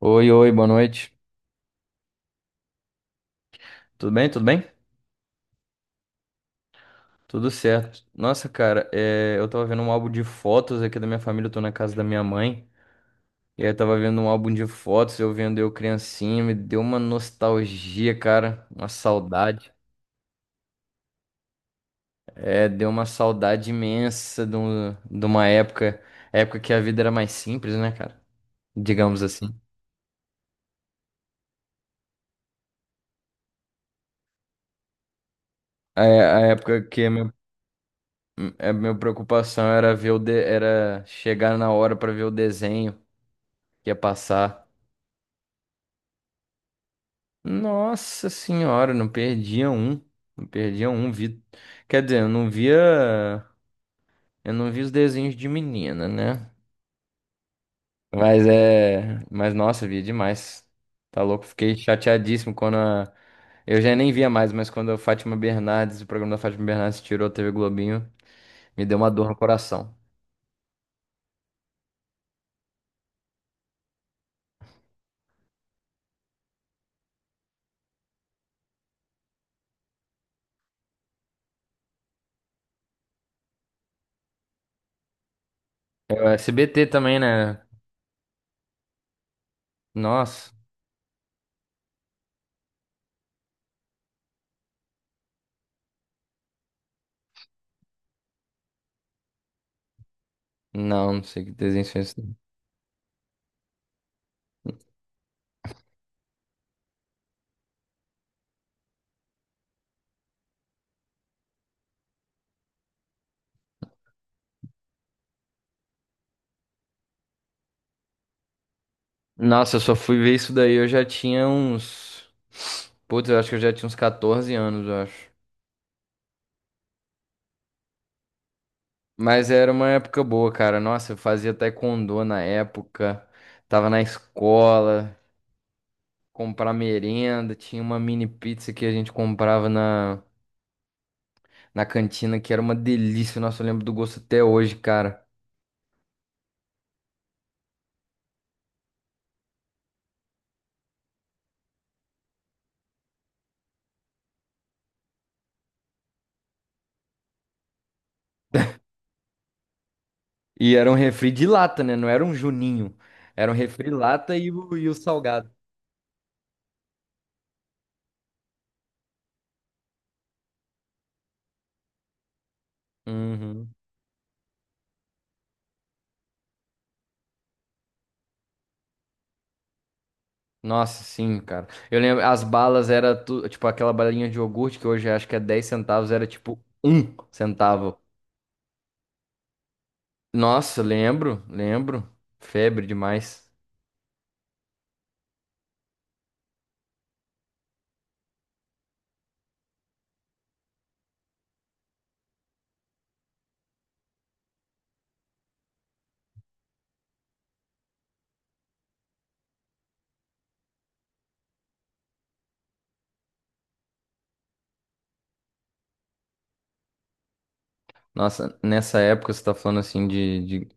Oi, oi, boa noite. Tudo bem? Tudo bem? Tudo certo. Nossa, cara, eu tava vendo um álbum de fotos aqui da minha família, eu tô na casa da minha mãe. E aí eu tava vendo um álbum de fotos, eu vendo eu criancinha, me deu uma nostalgia, cara, uma saudade. É, deu uma saudade imensa de uma época, época que a vida era mais simples, né, cara? Digamos assim. A época que a minha preocupação era era chegar na hora pra ver o desenho que ia passar. Nossa senhora, não perdia um. Não perdia um. Quer dizer, eu não via. Eu não vi os desenhos de menina, né? Mas é. Mas nossa, via demais. Tá louco? Fiquei chateadíssimo quando a. Eu já nem via mais, mas quando a Fátima Bernardes, o programa da Fátima Bernardes tirou a TV Globinho, me deu uma dor no coração. É o SBT também, né? Nossa. Não, não sei que desenho foi esse. Nossa, eu só fui ver isso daí, eu já tinha uns. Putz, eu acho que eu já tinha uns 14 anos, eu acho. Mas era uma época boa, cara. Nossa, eu fazia taekwondo na época, tava na escola, comprar merenda, tinha uma mini pizza que a gente comprava na cantina, que era uma delícia. Nossa, eu lembro do gosto até hoje, cara. E era um refri de lata, né? Não era um juninho. Era um refri lata e e o salgado. Uhum. Nossa, sim, cara. Eu lembro, as balas tipo aquela balinha de iogurte que hoje acho que é 10 centavos, era tipo um centavo. Nossa, lembro, lembro. Febre demais. Nossa, nessa época você tá falando assim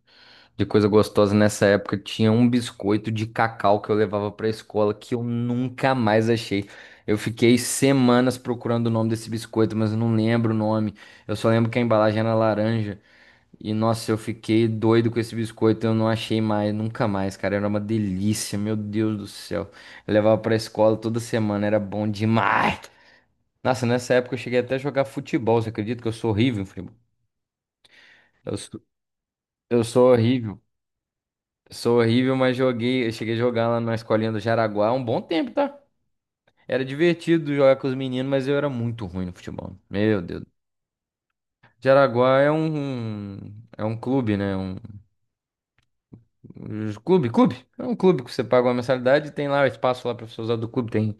de coisa gostosa. Nessa época tinha um biscoito de cacau que eu levava pra escola que eu nunca mais achei. Eu fiquei semanas procurando o nome desse biscoito, mas eu não lembro o nome. Eu só lembro que a embalagem era laranja. E nossa, eu fiquei doido com esse biscoito, eu não achei mais, nunca mais, cara. Era uma delícia, meu Deus do céu. Eu levava pra escola toda semana, era bom demais. Nossa, nessa época eu cheguei até a jogar futebol, você acredita que eu sou horrível, primo? Eu sou, eu sou horrível. Sou horrível, mas joguei, eu cheguei a jogar lá na escolinha do Jaraguá há um bom tempo, tá? Era divertido jogar com os meninos, mas eu era muito ruim no futebol. Meu Deus. Jaraguá é é um clube, né? Clube. É um clube que você paga uma mensalidade e tem lá o espaço lá para você usar do clube.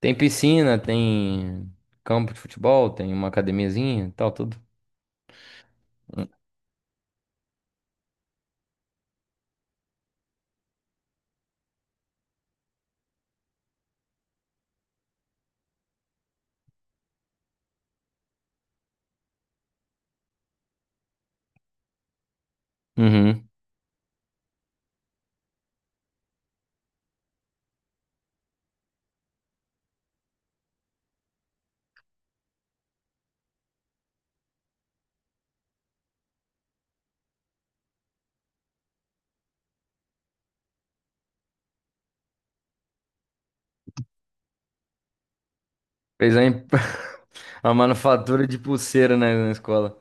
Tem piscina, tem campo de futebol, tem uma academiazinha e tal, tudo. Uhum. Fez a, imp- a manufatura de pulseira na escola.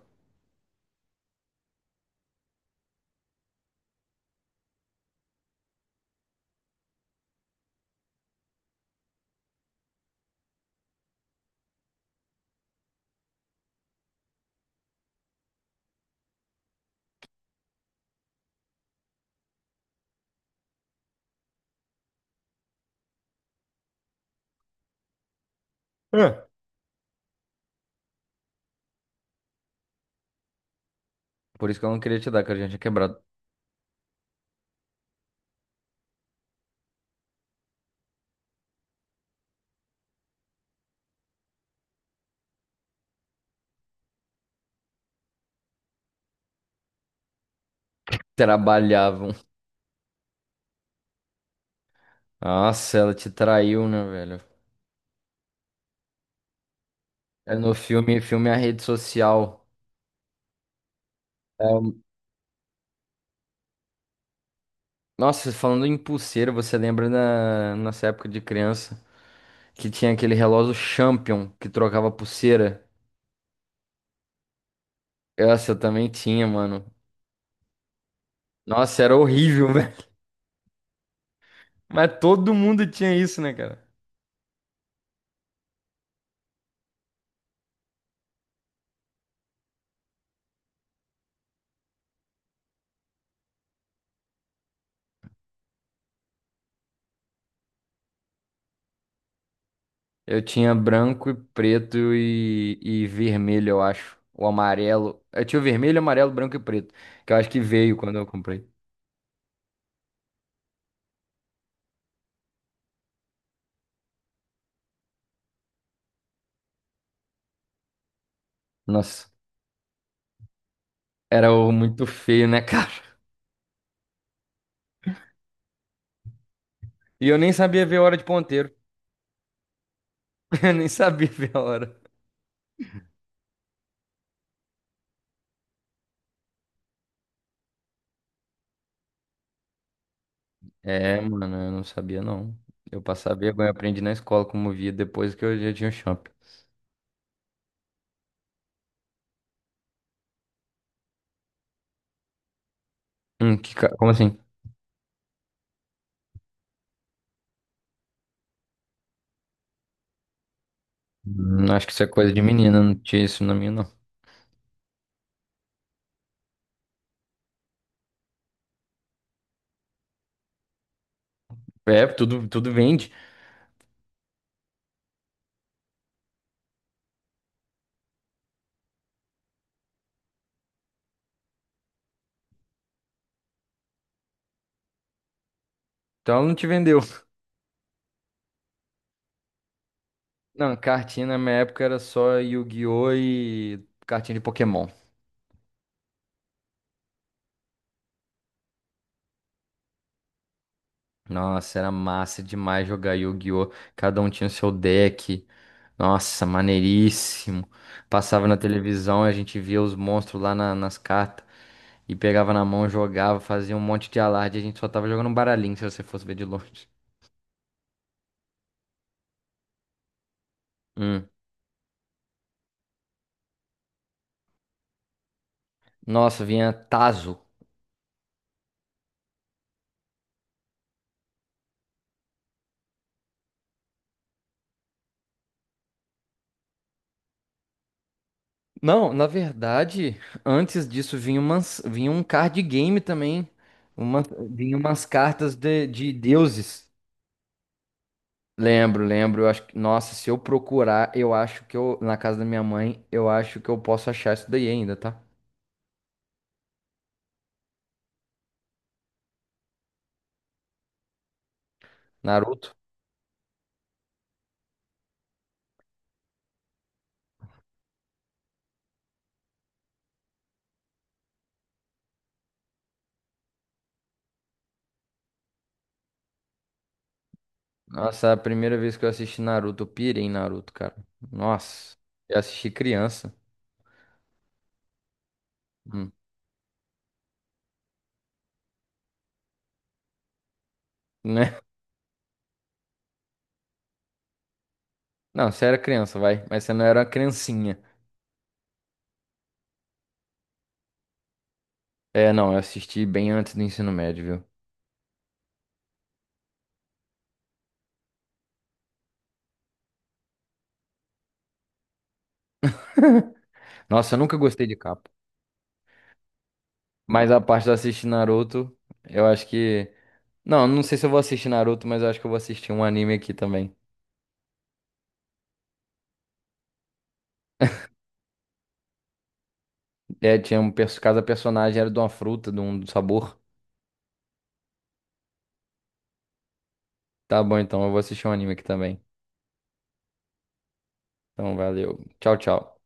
É. Por isso que eu não queria te dar, que a gente tinha quebrado. Trabalhavam. Nossa, ela te traiu, né, velho? É no filme, filme A Rede Social. Nossa, falando em pulseira, você lembra nessa época de criança? Que tinha aquele relógio Champion que trocava pulseira. Essa eu também tinha, mano. Nossa, era horrível, velho. Mas todo mundo tinha isso, né, cara? Eu tinha branco e preto e vermelho, eu acho. O amarelo. Eu tinha o vermelho, amarelo, branco e preto. Que eu acho que veio quando eu comprei. Nossa, muito feio, né, cara? E eu nem sabia ver a hora de ponteiro. Eu nem sabia ver a hora. É, mano, eu não sabia, não. Eu passava vergonha, aprendi na escola como via depois que eu já tinha o Champion. Como assim? Acho que isso é coisa de menina, não tinha isso na minha, não. É, tudo, tudo vende. Então ela não te vendeu. Não, cartinha na minha época era só Yu-Gi-Oh! E cartinha de Pokémon. Nossa, era massa demais jogar Yu-Gi-Oh! Cada um tinha o seu deck. Nossa, maneiríssimo. Passava na televisão, a gente via os monstros nas cartas. E pegava na mão, jogava, fazia um monte de alarde. A gente só tava jogando um baralhinho, se você fosse ver de longe. Hum. Nossa, vinha Tazo. Não, na verdade, antes disso vinha um card game também, uma, vinha umas cartas de deuses. Lembro, lembro. Eu acho que, nossa, se eu procurar, eu acho que eu, na casa da minha mãe, eu acho que eu posso achar isso daí ainda, tá? Naruto. Nossa, a primeira vez que eu assisti Naruto, eu pirei em Naruto, cara. Nossa, eu assisti criança. Hum, né? Não, você era criança, vai, mas você não era uma criancinha. É, não, eu assisti bem antes do ensino médio, viu? Nossa, eu nunca gostei de capa. Mas a parte de assistir Naruto, eu acho que. Não, não sei se eu vou assistir Naruto, mas eu acho que eu vou assistir um anime aqui também. É, tinha cada personagem era de uma fruta, de um sabor. Tá bom, então eu vou assistir um anime aqui também. Então, valeu. Tchau, tchau.